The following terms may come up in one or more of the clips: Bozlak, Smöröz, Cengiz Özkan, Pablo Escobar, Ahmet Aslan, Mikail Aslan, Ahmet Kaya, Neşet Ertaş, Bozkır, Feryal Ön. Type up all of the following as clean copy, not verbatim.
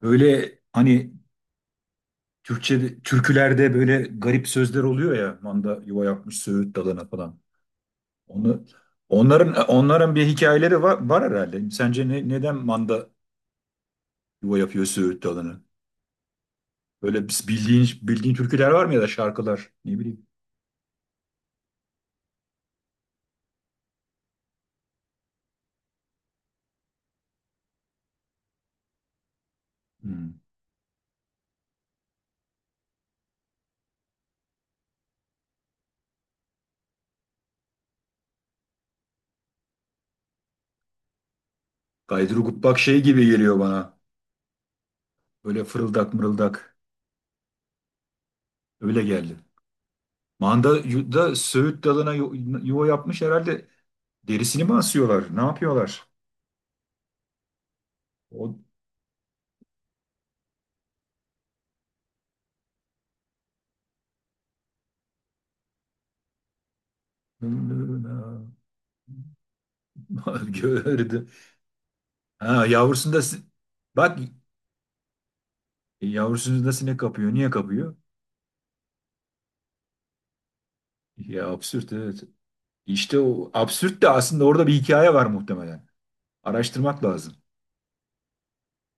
Öyle hani Türkçe türkülerde böyle garip sözler oluyor ya, manda yuva yapmış söğüt dalına falan. Onu onların bir hikayeleri var herhalde. Sence neden manda yuva yapıyor söğüt dalına? Böyle biz bildiğin türküler var mı ya da şarkılar, ne bileyim. Hmm. Gaydruguk bak şey gibi geliyor bana. Böyle fırıldak mırıldak öyle geldi. Da söğüt dalına yuva yapmış herhalde. Derisini mi asıyorlar? Ne yapıyorlar? O gördüm. Ha yavrusunda si- Bak, yavrusunu da sinek kapıyor. Niye kapıyor? Ya absürt, evet. İşte o absürt de aslında orada bir hikaye var muhtemelen. Araştırmak lazım.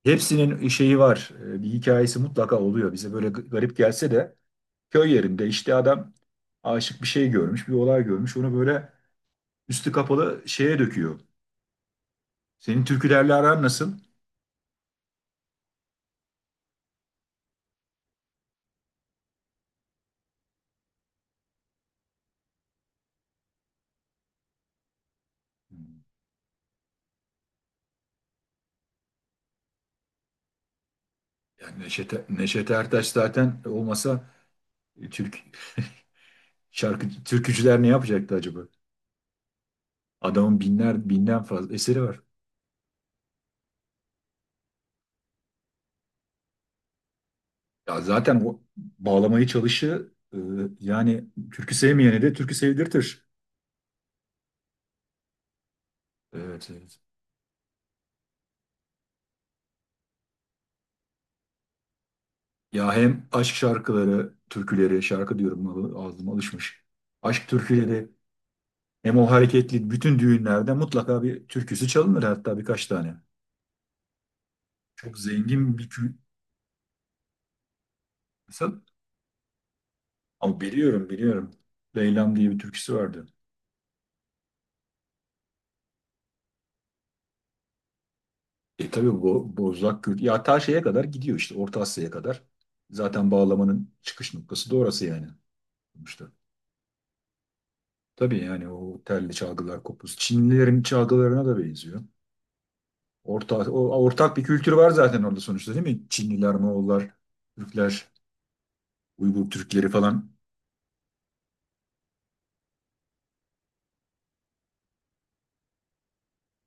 Hepsinin şeyi var. Bir hikayesi mutlaka oluyor. Bize böyle garip gelse de köy yerinde işte adam aşık bir şey görmüş, bir olay görmüş. Onu böyle üstü kapalı şeye döküyor. Senin türkülerle aran nasıl? Hmm. Yani Neşet Ertaş zaten olmasa e, Türk, şarkı türkücüler ne yapacaktı acaba? Adamın binler, binden fazla eseri var. Ya zaten o bağlamayı çalışı yani türkü sevmeyene de türkü sevdirtir. Evet, evet. Ya hem aşk şarkıları, türküleri, şarkı diyorum, ağzıma alışmış. Aşk türküleri, hem o hareketli, bütün düğünlerde mutlaka bir türküsü çalınır, hatta birkaç tane. Çok zengin bir insan, ama biliyorum. Leylam diye bir türküsü vardı. E tabii bu Bozlak Kürt ya ta şeye kadar gidiyor, işte Orta Asya'ya kadar. Zaten bağlamanın çıkış noktası da orası yani. İşte. Tabii yani o telli çalgılar, kopuz. Çinlilerin çalgılarına da benziyor. Ortak bir kültür var zaten orada sonuçta, değil mi? Çinliler, Moğollar, Türkler, Uygur Türkleri falan.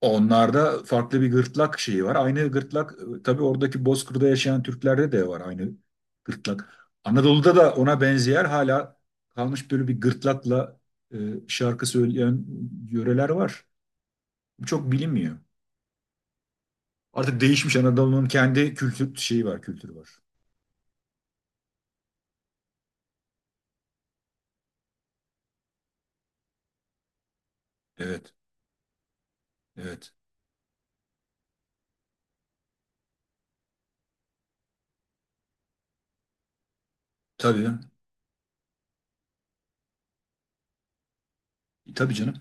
Onlarda farklı bir gırtlak şeyi var. Aynı gırtlak, tabii oradaki Bozkır'da yaşayan Türklerde de var aynı gırtlak. Anadolu'da da ona benzeyen hala kalmış, böyle bir gırtlakla e, şarkı söyleyen yöreler var. Bu çok bilinmiyor. Artık değişmiş, Anadolu'nun kendi kültür şeyi var, kültürü var. Evet, evet. Tabii, tabii canım.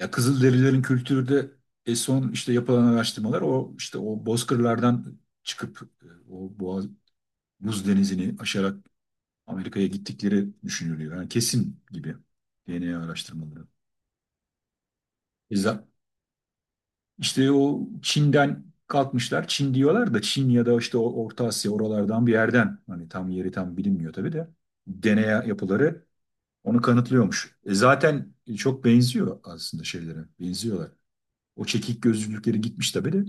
Ya Kızılderililerin kültürü de son işte yapılan araştırmalar, o işte o Bozkırlardan çıkıp o Boğaz, Buz Denizi'ni aşarak Amerika'ya gittikleri düşünülüyor. Yani kesin gibi, DNA araştırmaları. Bizzat işte o Çin'den kalkmışlar. Çin diyorlar da, Çin ya da işte o Orta Asya, oralardan bir yerden. Hani tam yeri bilinmiyor tabii de. DNA yapıları onu kanıtlıyormuş. E zaten çok benziyor aslında şeylere. Benziyorlar. O çekik gözlülükleri gitmiş tabii de.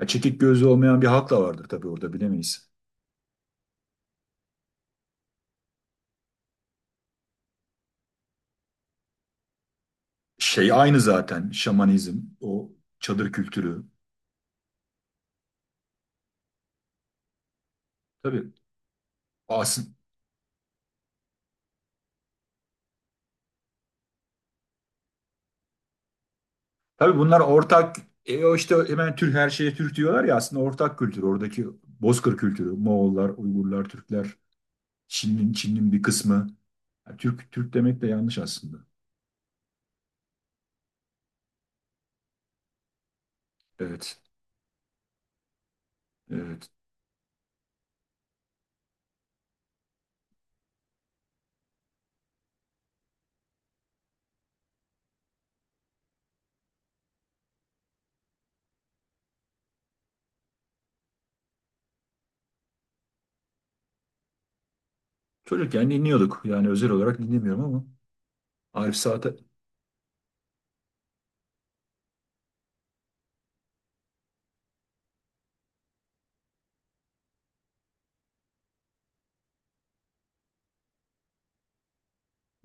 Ya çekik gözlü olmayan bir halk da vardır tabii orada, bilemeyiz. Şey aynı zaten, şamanizm, o çadır kültürü. Tabii. As tabii bunlar ortak, o işte hemen Türk, her şeye Türk diyorlar ya, aslında ortak kültür oradaki Bozkır kültürü, Moğollar, Uygurlar, Türkler, Çin'in bir kısmı. Ya Türk demek de yanlış aslında. Evet. Evet. Çocukken dinliyorduk. Yani özel olarak dinlemiyorum ama Arif Saat'e.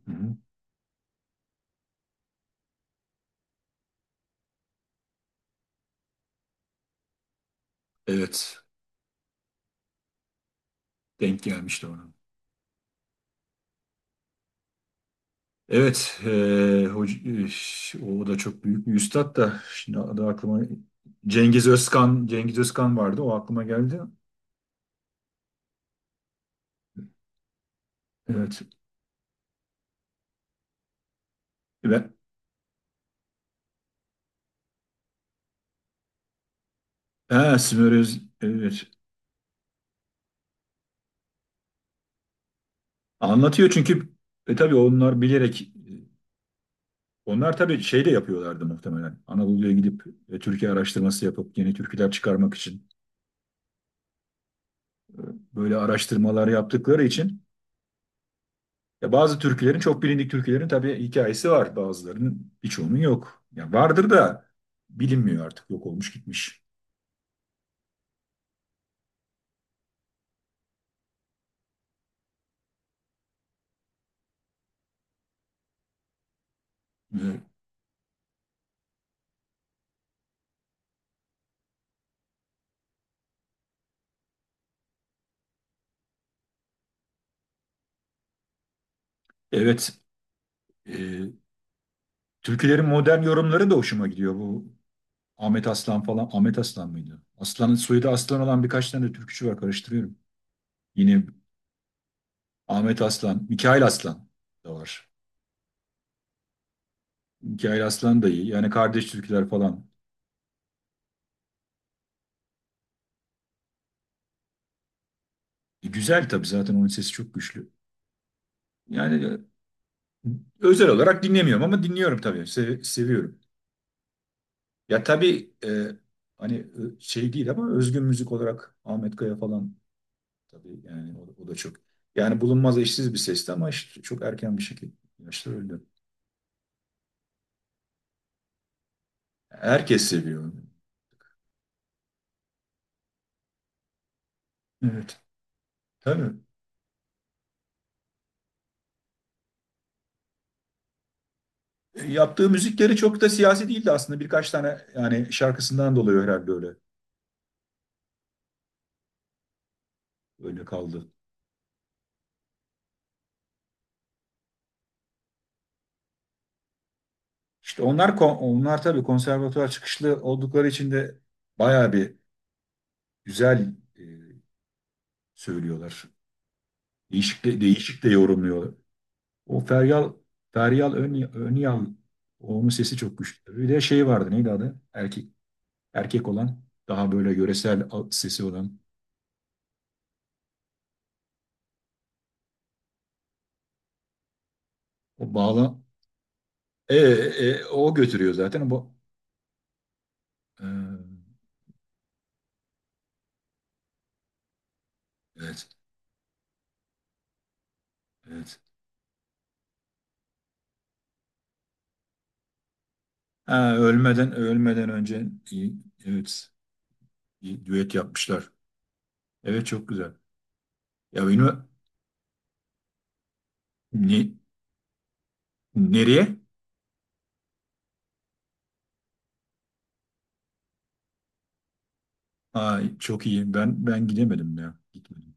Hı hı. Evet. Denk gelmişti ona. Evet. Hoc- e, O da çok büyük bir üstad da, şimdi adı aklıma Cengiz Özkan vardı. O aklıma geldi. Evet. Ve ha, Smöröz, evet. Anlatıyor çünkü tabii onlar bilerek, onlar tabii şey de yapıyorlardı muhtemelen. Anadolu'ya gidip Türkiye araştırması yapıp yeni türküler çıkarmak için, e, böyle araştırmalar yaptıkları için ya, bazı türkülerin, çok bilindik türkülerin tabii hikayesi var. Bazılarının, birçoğunun yok. Ya vardır da bilinmiyor artık, yok olmuş gitmiş. E, evet, e, türkülerin modern yorumları da hoşuma gidiyor, bu Ahmet Aslan falan. Ahmet Aslan mıydı? Aslan'ın soyadı Aslan olan birkaç tane de türkücü var, karıştırıyorum. Yine Ahmet Aslan, Mikail Aslan da var. Mikail Aslan da iyi. Yani kardeş türküler falan. E, güzel tabii, zaten onun sesi çok güçlü. Yani özel olarak dinlemiyorum ama dinliyorum tabii. Seviyorum. Ya tabii hani şey değil ama özgün müzik olarak Ahmet Kaya falan, tabii yani o da çok. Yani bulunmaz, eşsiz bir sesti ama işte çok erken bir şekilde yaşta öldü. Herkes seviyor onu. Evet. Tabii. E, yaptığı müzikleri çok da siyasi değildi aslında. Birkaç tane yani şarkısından dolayı herhalde öyle kaldı. İşte onlar onlar tabii konservatuvar çıkışlı oldukları için de bayağı bir güzel söylüyorlar. Değişik de yorumluyorlar. O Feryal, Feryal Önyal, onun sesi çok güçlü. Bir de şey vardı, neydi adı? Erkek olan, daha böyle yöresel sesi olan, o o götürüyor zaten bu, e, evet. Evet. Ha, ölmeden önce iyi, evet, iyi düet yapmışlar. Evet, çok güzel. Ya benim ne, nereye? Ay çok iyi. Ben gidemedim ya. Gitmedim.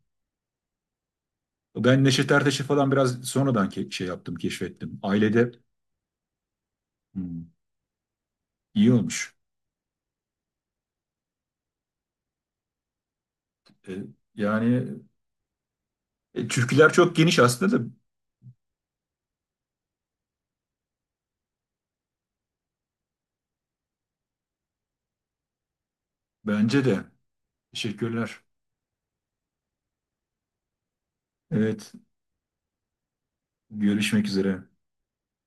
Ben Neşet Ertaş'ı falan biraz sonradan keşfettim. Ailede hmm, iyi olmuş. E, yani türküler çok geniş aslında da, bence de. Teşekkürler. Evet, görüşmek üzere.